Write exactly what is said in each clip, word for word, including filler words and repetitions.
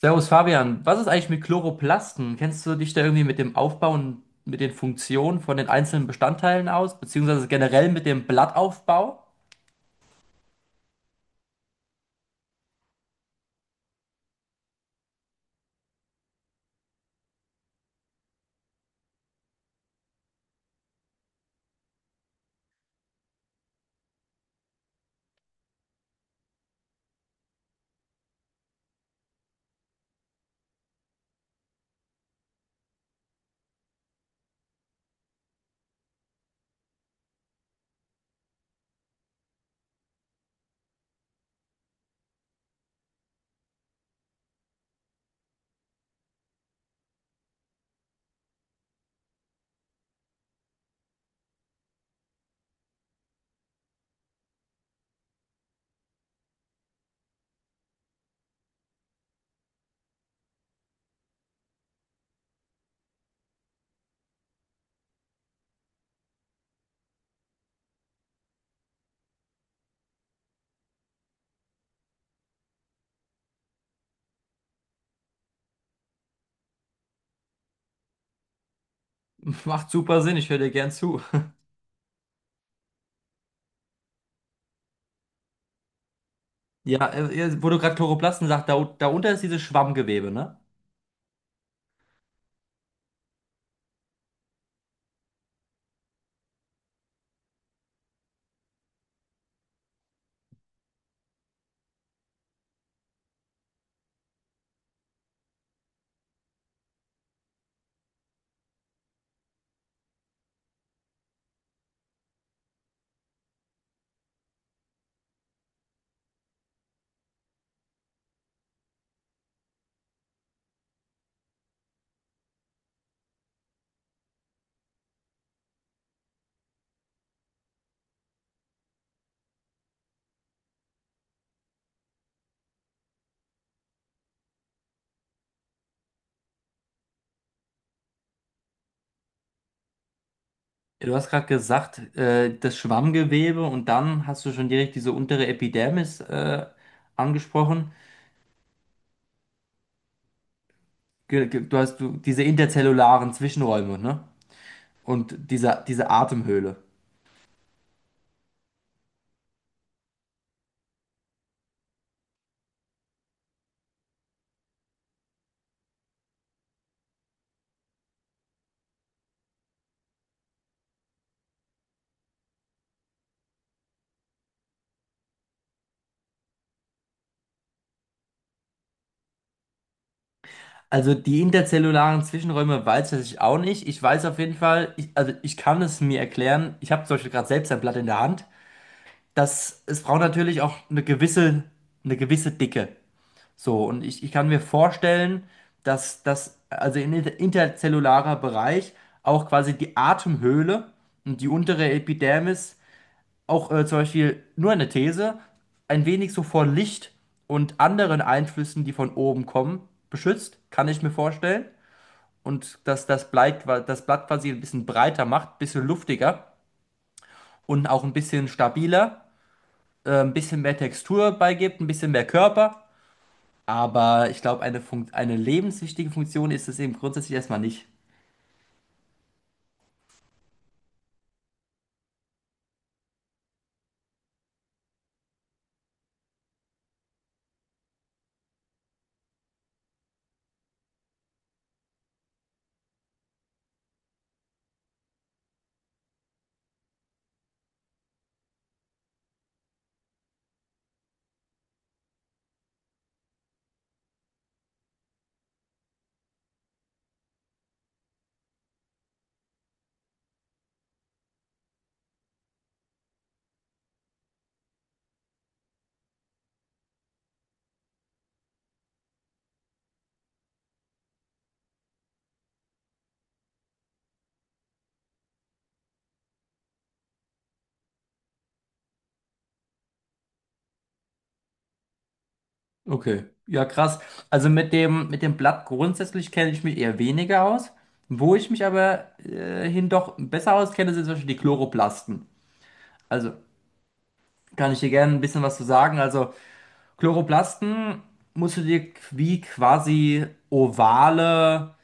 Servus Fabian, was ist eigentlich mit Chloroplasten? Kennst du dich da irgendwie mit dem Aufbau und mit den Funktionen von den einzelnen Bestandteilen aus, beziehungsweise generell mit dem Blattaufbau? Macht super Sinn, ich höre dir gern zu. Ja, äh, äh, wo du gerade Chloroplasten sagst, da, darunter ist dieses Schwammgewebe, ne? Ja, Du hast gerade gesagt, äh, das Schwammgewebe und dann hast du schon direkt diese untere Epidermis äh, angesprochen. Ge- ge- Du hast du, diese interzellularen Zwischenräume, ne? Und diese, diese Atemhöhle. Also die interzellularen Zwischenräume weiß ich auch nicht. Ich weiß auf jeden Fall, ich, also ich kann es mir erklären, ich habe zum Beispiel gerade selbst ein Blatt in der Hand, dass es braucht natürlich auch eine gewisse, eine gewisse Dicke. So, und ich, ich kann mir vorstellen, dass das, also in inter- interzellularer Bereich auch quasi die Atemhöhle und die untere Epidermis auch äh, zum Beispiel nur eine These, ein wenig so vor Licht und anderen Einflüssen, die von oben kommen, beschützt, kann ich mir vorstellen und dass das Blatt, das Blatt quasi ein bisschen breiter macht, ein bisschen luftiger und auch ein bisschen stabiler, äh, ein bisschen mehr Textur beigibt, ein bisschen mehr Körper. Aber ich glaube, eine Funkt eine lebenswichtige Funktion ist es eben grundsätzlich erstmal nicht. Okay, ja krass. Also mit dem, mit dem Blatt grundsätzlich kenne ich mich eher weniger aus. Wo ich mich aber äh, hin doch besser auskenne, sind zum Beispiel die Chloroplasten. Also kann ich dir gerne ein bisschen was zu sagen. Also Chloroplasten musst du dir wie quasi ovale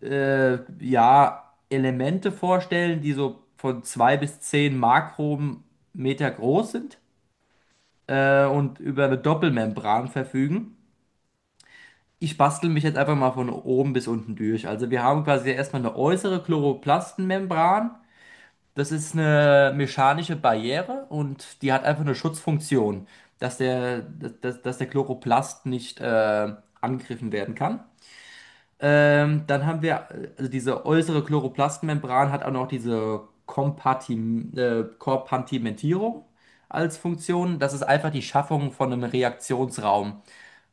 äh, ja, Elemente vorstellen, die so von zwei bis zehn Makrometer groß sind äh, und über eine Doppelmembran verfügen. Ich bastel mich jetzt einfach mal von oben bis unten durch. Also wir haben quasi erstmal eine äußere Chloroplastenmembran. Das ist eine mechanische Barriere und die hat einfach eine Schutzfunktion, dass der, dass, dass der Chloroplast nicht äh, angegriffen werden kann. Ähm, dann haben wir, äh, also diese äußere Chloroplastmembran hat auch noch diese Kompartim äh, Kompartimentierung als Funktion. Das ist einfach die Schaffung von einem Reaktionsraum,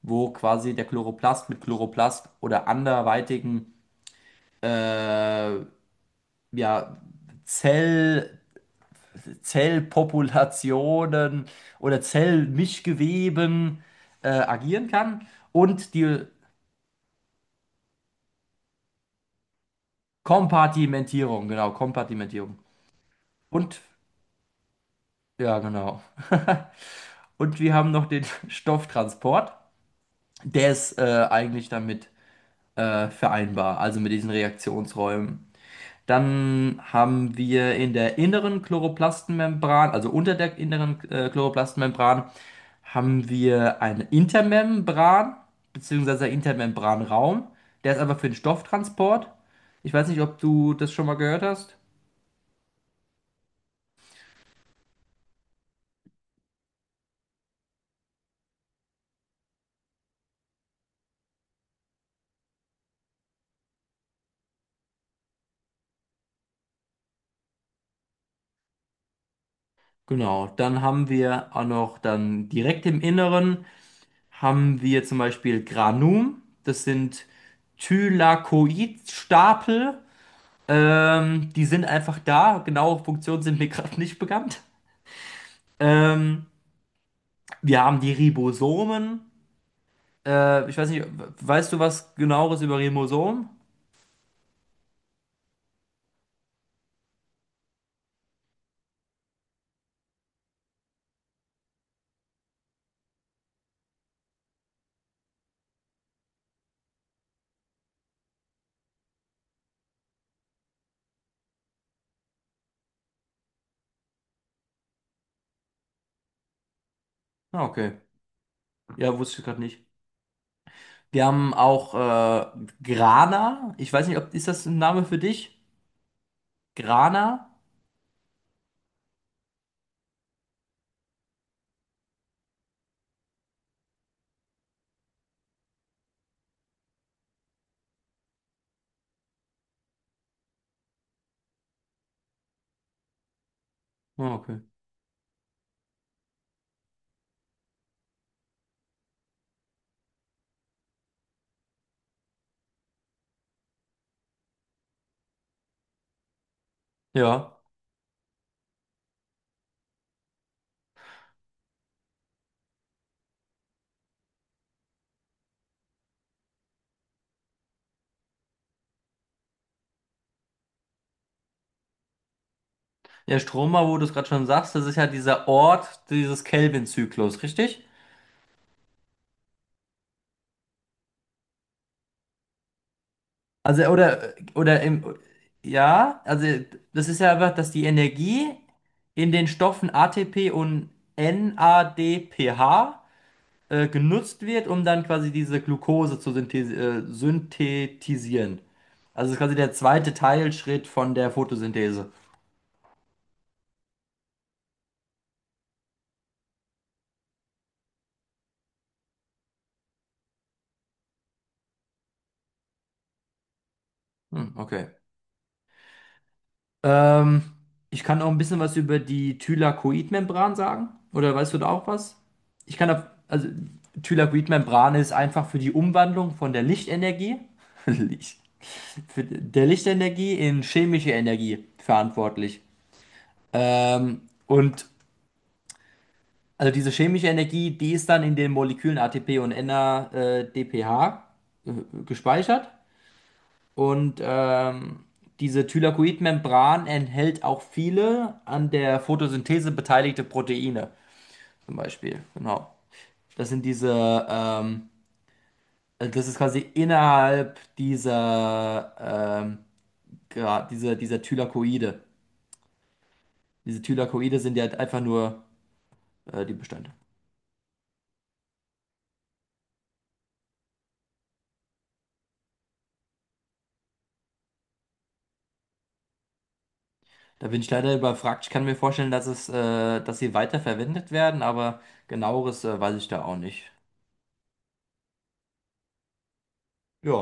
wo quasi der Chloroplast mit Chloroplast oder anderweitigen ja, Zell Zellpopulationen oder Zellmischgeweben äh, agieren kann. Und die Kompartimentierung, genau, Kompartimentierung. Und, ja, genau. Und wir haben noch den Stofftransport. Der ist äh, eigentlich damit äh, vereinbar, also mit diesen Reaktionsräumen. Dann haben wir in der inneren Chloroplastenmembran, also unter der inneren äh, Chloroplastenmembran, haben wir eine Intermembran, beziehungsweise Intermembranraum. Der ist einfach für den Stofftransport. Ich weiß nicht, ob du das schon mal gehört hast. Genau, dann haben wir auch noch dann direkt im Inneren haben wir zum Beispiel Granum. Das sind Thylakoidstapel. Ähm, die sind einfach da. Genaue Funktionen sind mir gerade nicht bekannt. Ähm, wir haben die Ribosomen. Äh, ich weiß nicht, Weißt du was genaueres über Ribosomen? Ah, okay. Ja, wusste ich gerade nicht. Wir haben auch äh, Grana. Ich weiß nicht, ob ist das ein Name für dich? Grana? Ah, okay. Ja. Ja, Stroma, wo du es gerade schon sagst, das ist ja dieser Ort dieses Kelvin-Zyklus, richtig? Also, oder, oder im, ja, also, das ist ja einfach, dass die Energie in den Stoffen A T P und N A D P H äh, genutzt wird, um dann quasi diese Glucose zu synthes äh, synthetisieren. Also es ist quasi der zweite Teilschritt von der Photosynthese. Hm, okay. Ähm, ich kann auch ein bisschen was über die Thylakoidmembran sagen. Oder weißt du da auch was? Ich kann da, also Thylakoidmembran ist einfach für die Umwandlung von der Lichtenergie, Licht, für der Lichtenergie in chemische Energie verantwortlich. Ähm, und Also diese chemische Energie, die ist dann in den Molekülen A T P und N A D P H gespeichert. Und ähm, diese Thylakoidmembran enthält auch viele an der Photosynthese beteiligte Proteine, zum Beispiel. Genau. Das sind diese, ähm, also das ist quasi innerhalb dieser, ähm, gra- dieser, dieser Thylakoide. Diese Thylakoide sind ja einfach nur äh, die Bestandteile. Da bin ich leider überfragt. Ich kann mir vorstellen, dass es, äh, dass sie weiterverwendet werden, aber genaueres, äh, weiß ich da auch nicht. Ja.